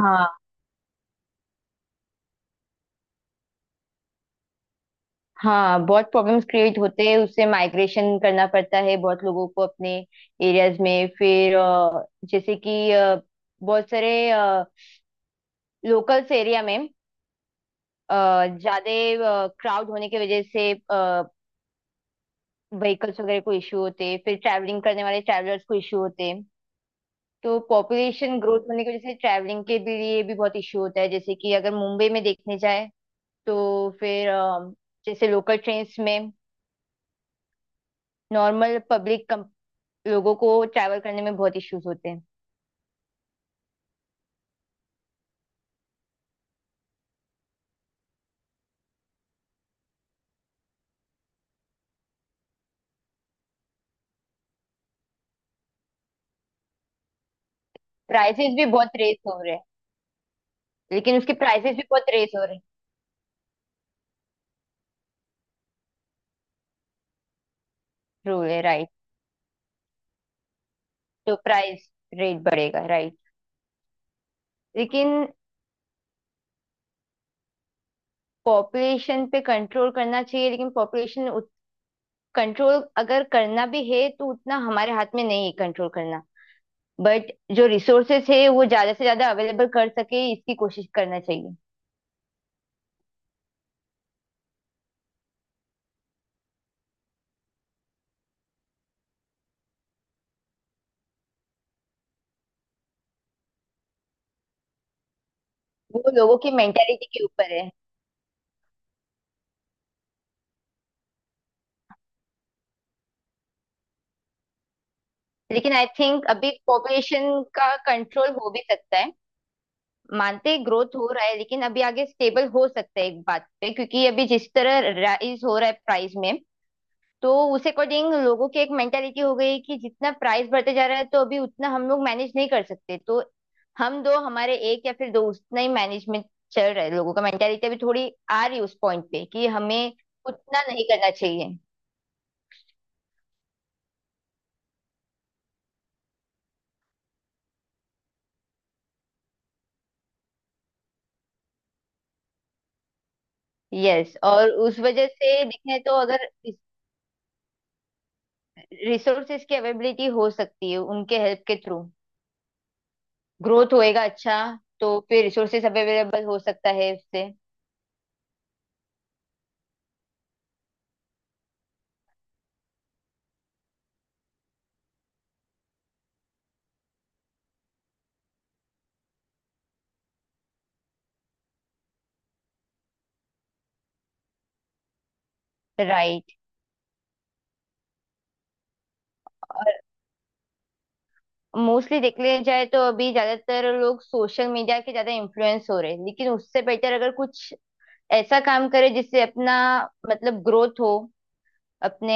हाँ, हाँ, बहुत प्रॉब्लम्स क्रिएट होते हैं। उससे माइग्रेशन करना पड़ता है बहुत लोगों को अपने एरियाज में। फिर जैसे कि बहुत सारे लोकल्स एरिया में ज़्यादा क्राउड होने की वजह से व्हीकल्स वगैरह को इश्यू होते हैं, फिर ट्रैवलिंग करने वाले ट्रैवलर्स को इश्यू होते हैं। तो पॉपुलेशन ग्रोथ होने की वजह से ट्रैवलिंग के भी लिए भी बहुत इश्यू होता है। जैसे कि अगर मुंबई में देखने जाए तो फिर जैसे लोकल ट्रेन्स में नॉर्मल पब्लिक लोगों को ट्रैवल करने में बहुत इश्यूज होते हैं। प्राइसेस भी बहुत रेस हो रहे हैं। लेकिन उसके प्राइसेस भी बहुत रेस हो रहे हैं। रूल है, राइट। तो प्राइस रेट बढ़ेगा, राइट। लेकिन पॉपुलेशन पे कंट्रोल करना चाहिए, लेकिन पॉपुलेशन कंट्रोल अगर करना भी है तो उतना हमारे हाथ में नहीं है कंट्रोल करना। बट जो रिसोर्सेस है वो ज्यादा से ज्यादा अवेलेबल कर सके इसकी कोशिश करना चाहिए। वो लोगों की मेंटेलिटी के ऊपर है। लेकिन आई थिंक अभी पॉपुलेशन का कंट्रोल हो भी सकता है। मानते हैं ग्रोथ हो रहा है लेकिन अभी आगे स्टेबल हो सकता है एक बात पे, क्योंकि अभी जिस तरह राइज हो रहा है प्राइस में, तो उस अकॉर्डिंग लोगों की एक मेंटेलिटी हो गई कि जितना प्राइस बढ़ते जा रहा है तो अभी उतना हम लोग मैनेज नहीं कर सकते। तो हम दो हमारे एक या फिर दो, उतना ही मैनेजमेंट चल रहा है। लोगों का मेंटेलिटी अभी थोड़ी आ रही है उस पॉइंट पे कि हमें उतना नहीं करना चाहिए। यस, और उस वजह से देखें तो अगर रिसोर्सेज की अवेलेबिलिटी हो सकती है उनके हेल्प के थ्रू, ग्रोथ होएगा अच्छा। तो फिर रिसोर्सेस अवेलेबल हो सकता है उससे। राइट। और मोस्टली देख लिया जाए तो अभी ज्यादातर लोग सोशल मीडिया के ज्यादा इन्फ्लुएंस हो रहे हैं, लेकिन उससे बेटर अगर कुछ ऐसा काम करे जिससे अपना मतलब ग्रोथ हो, अपने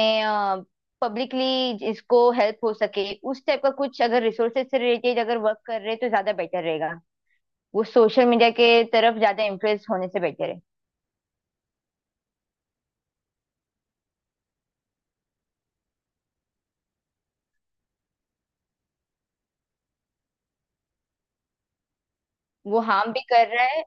पब्लिकली इसको हेल्प हो सके। उस टाइप का कुछ अगर रिसोर्सेज से रिलेटेड अगर वर्क कर रहे हैं तो ज्यादा बेटर रहेगा। वो सोशल मीडिया के तरफ ज्यादा इन्फ्लुएंस होने से बेटर है। वो हार्म भी कर रहा है।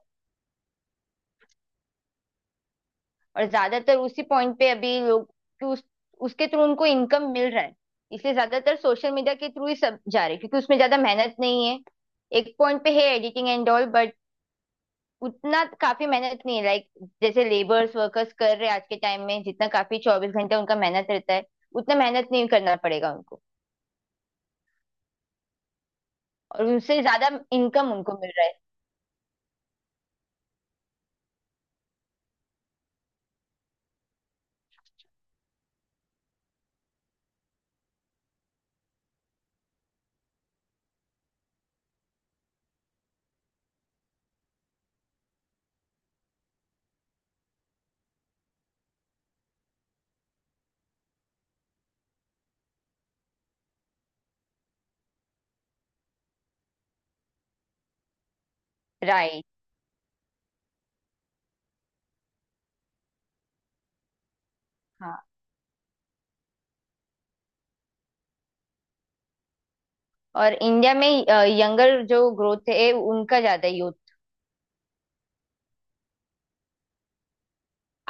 और ज्यादातर उसी पॉइंट पे अभी लोग कि उस, उसके थ्रू उनको इनकम मिल रहा है। इसलिए ज्यादातर सोशल मीडिया के थ्रू ही सब जा रहे हैं क्योंकि उसमें ज्यादा मेहनत नहीं है। एक पॉइंट पे है एडिटिंग एंड ऑल, बट उतना काफी मेहनत नहीं है। लाइक जैसे लेबर्स वर्कर्स कर रहे हैं आज के टाइम में जितना काफी 24 घंटे उनका मेहनत रहता है, उतना मेहनत नहीं करना पड़ेगा उनको। और उनसे ज्यादा इनकम उनको मिल रहा है। राइट। हाँ। और इंडिया में यंगर जो ग्रोथ है उनका ज्यादा यूथ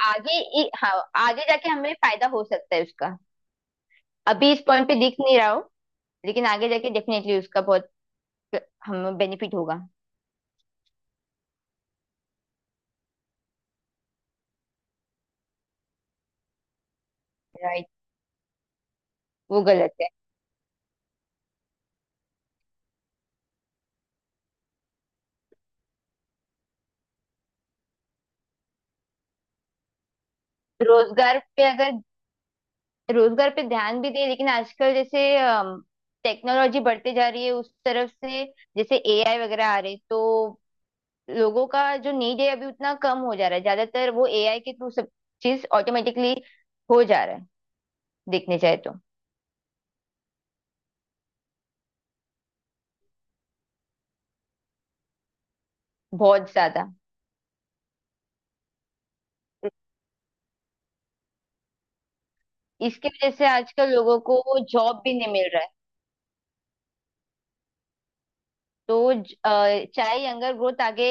आगे हाँ, आगे जाके हमें फायदा हो सकता है उसका। अभी इस पॉइंट पे दिख नहीं रहा हो, लेकिन आगे जाके डेफिनेटली उसका बहुत हमें बेनिफिट होगा। राइट। वो गलत है। रोजगार पे अगर, रोजगार पे ध्यान भी दे लेकिन आजकल जैसे टेक्नोलॉजी बढ़ते जा रही है उस तरफ से, जैसे एआई वगैरह आ रहे, तो लोगों का जो नीड है अभी उतना कम हो जा रहा है। ज्यादातर वो एआई के थ्रू सब चीज ऑटोमेटिकली हो जा रहा है, देखने जाए तो। बहुत ज्यादा। इसकी वजह से आजकल लोगों को जॉब भी नहीं मिल रहा है। तो चाहे यंगर ग्रोथ आगे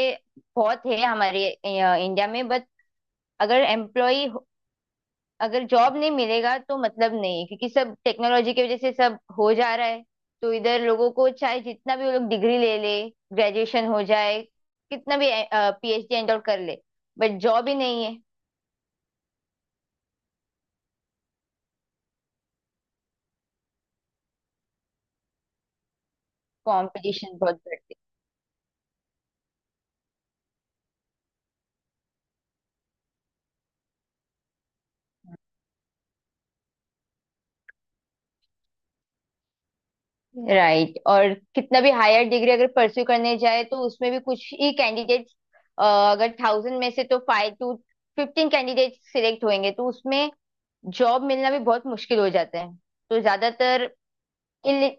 बहुत है हमारे इंडिया में, बट अगर एम्प्लॉय अगर जॉब नहीं मिलेगा तो मतलब नहीं है, क्योंकि सब टेक्नोलॉजी की वजह से सब हो जा रहा है। तो इधर लोगों को चाहे जितना भी वो लोग डिग्री ले ले, ग्रेजुएशन हो जाए, कितना भी पीएचडी एंड आउट कर ले, बट जॉब ही नहीं है। कंपटीशन बहुत बढ़। राइट। और कितना भी हायर डिग्री अगर परस्यू करने जाए तो उसमें भी कुछ ही कैंडिडेट्स, अगर 1,000 में से तो 5 टू 15 कैंडिडेट सिलेक्ट होंगे, तो उसमें जॉब मिलना भी बहुत मुश्किल हो जाता है। तो ज्यादातर इल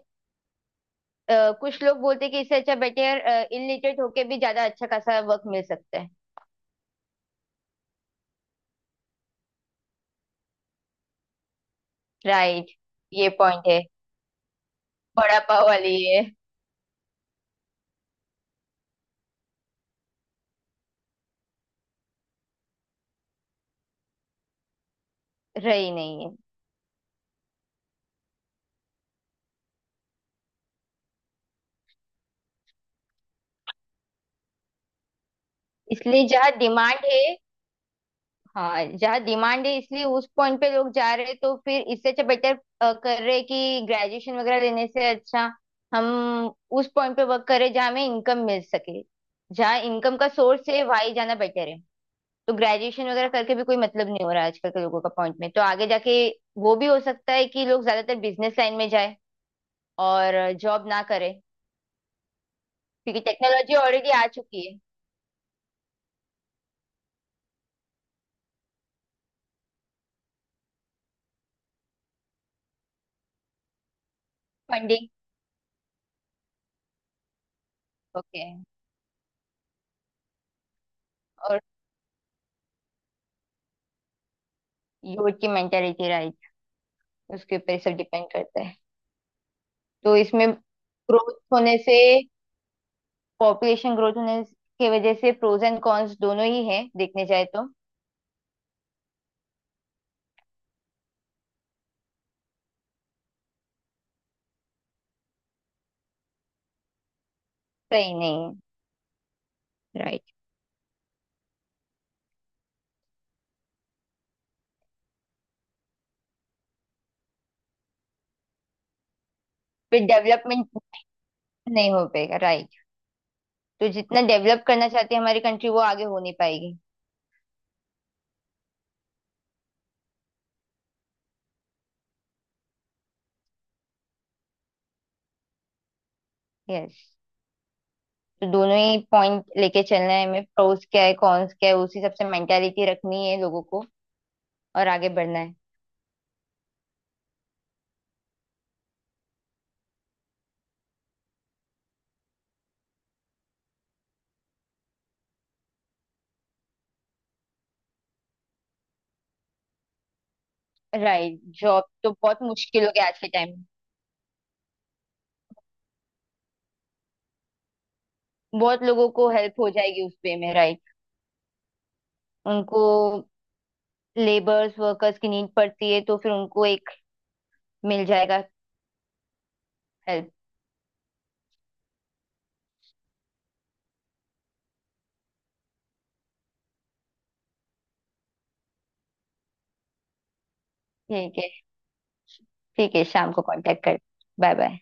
कुछ लोग बोलते हैं कि इससे अच्छा बेटर इलिटरेट होके भी ज्यादा अच्छा खासा वर्क मिल सकता है। राइट। ये पॉइंट है। बड़ा पाव वाली ये रही नहीं है। इसलिए जहाँ डिमांड है, हाँ जहाँ डिमांड है इसलिए उस पॉइंट पे लोग जा रहे हैं। तो फिर इससे अच्छा बेटर कर रहे हैं कि ग्रेजुएशन वगैरह लेने से अच्छा हम उस पॉइंट पे वर्क करें जहाँ हमें इनकम मिल सके। जहाँ इनकम का सोर्स है वहीं जाना बेटर है। तो ग्रेजुएशन वगैरह करके भी कोई मतलब नहीं हो रहा है आजकल के लोगों का पॉइंट में। तो आगे जाके वो भी हो सकता है कि लोग ज्यादातर बिजनेस लाइन में जाए और जॉब ना करे। क्योंकि टेक्नोलॉजी ऑलरेडी आ चुकी है। फंडिंग। ओके। और यूथ की मेंटेलिटी, राइट। उसके ऊपर सब डिपेंड करता है। तो इसमें ग्रोथ होने से, पॉपुलेशन ग्रोथ होने के वजह से प्रोज एंड कॉन्स दोनों ही है देखने जाए तो। सही नहीं है। राइट। फिर डेवलपमेंट नहीं हो पाएगा, राइट। तो जितना डेवलप करना चाहती है हमारी कंट्री वो आगे हो नहीं पाएगी। यस। तो दोनों ही पॉइंट लेके चलना है हमें, प्रोज क्या है कॉन्स क्या है, उसी हिसाब से मेंटालिटी रखनी है लोगों को और आगे बढ़ना है। राइट। जॉब तो बहुत मुश्किल हो गया आज के टाइम में। बहुत लोगों को हेल्प हो जाएगी उस पे में, राइट। उनको लेबर्स वर्कर्स की नीड पड़ती है तो फिर उनको एक मिल जाएगा, हेल्प। ठीक है। ठीक है, शाम को कांटेक्ट कर। Bye bye.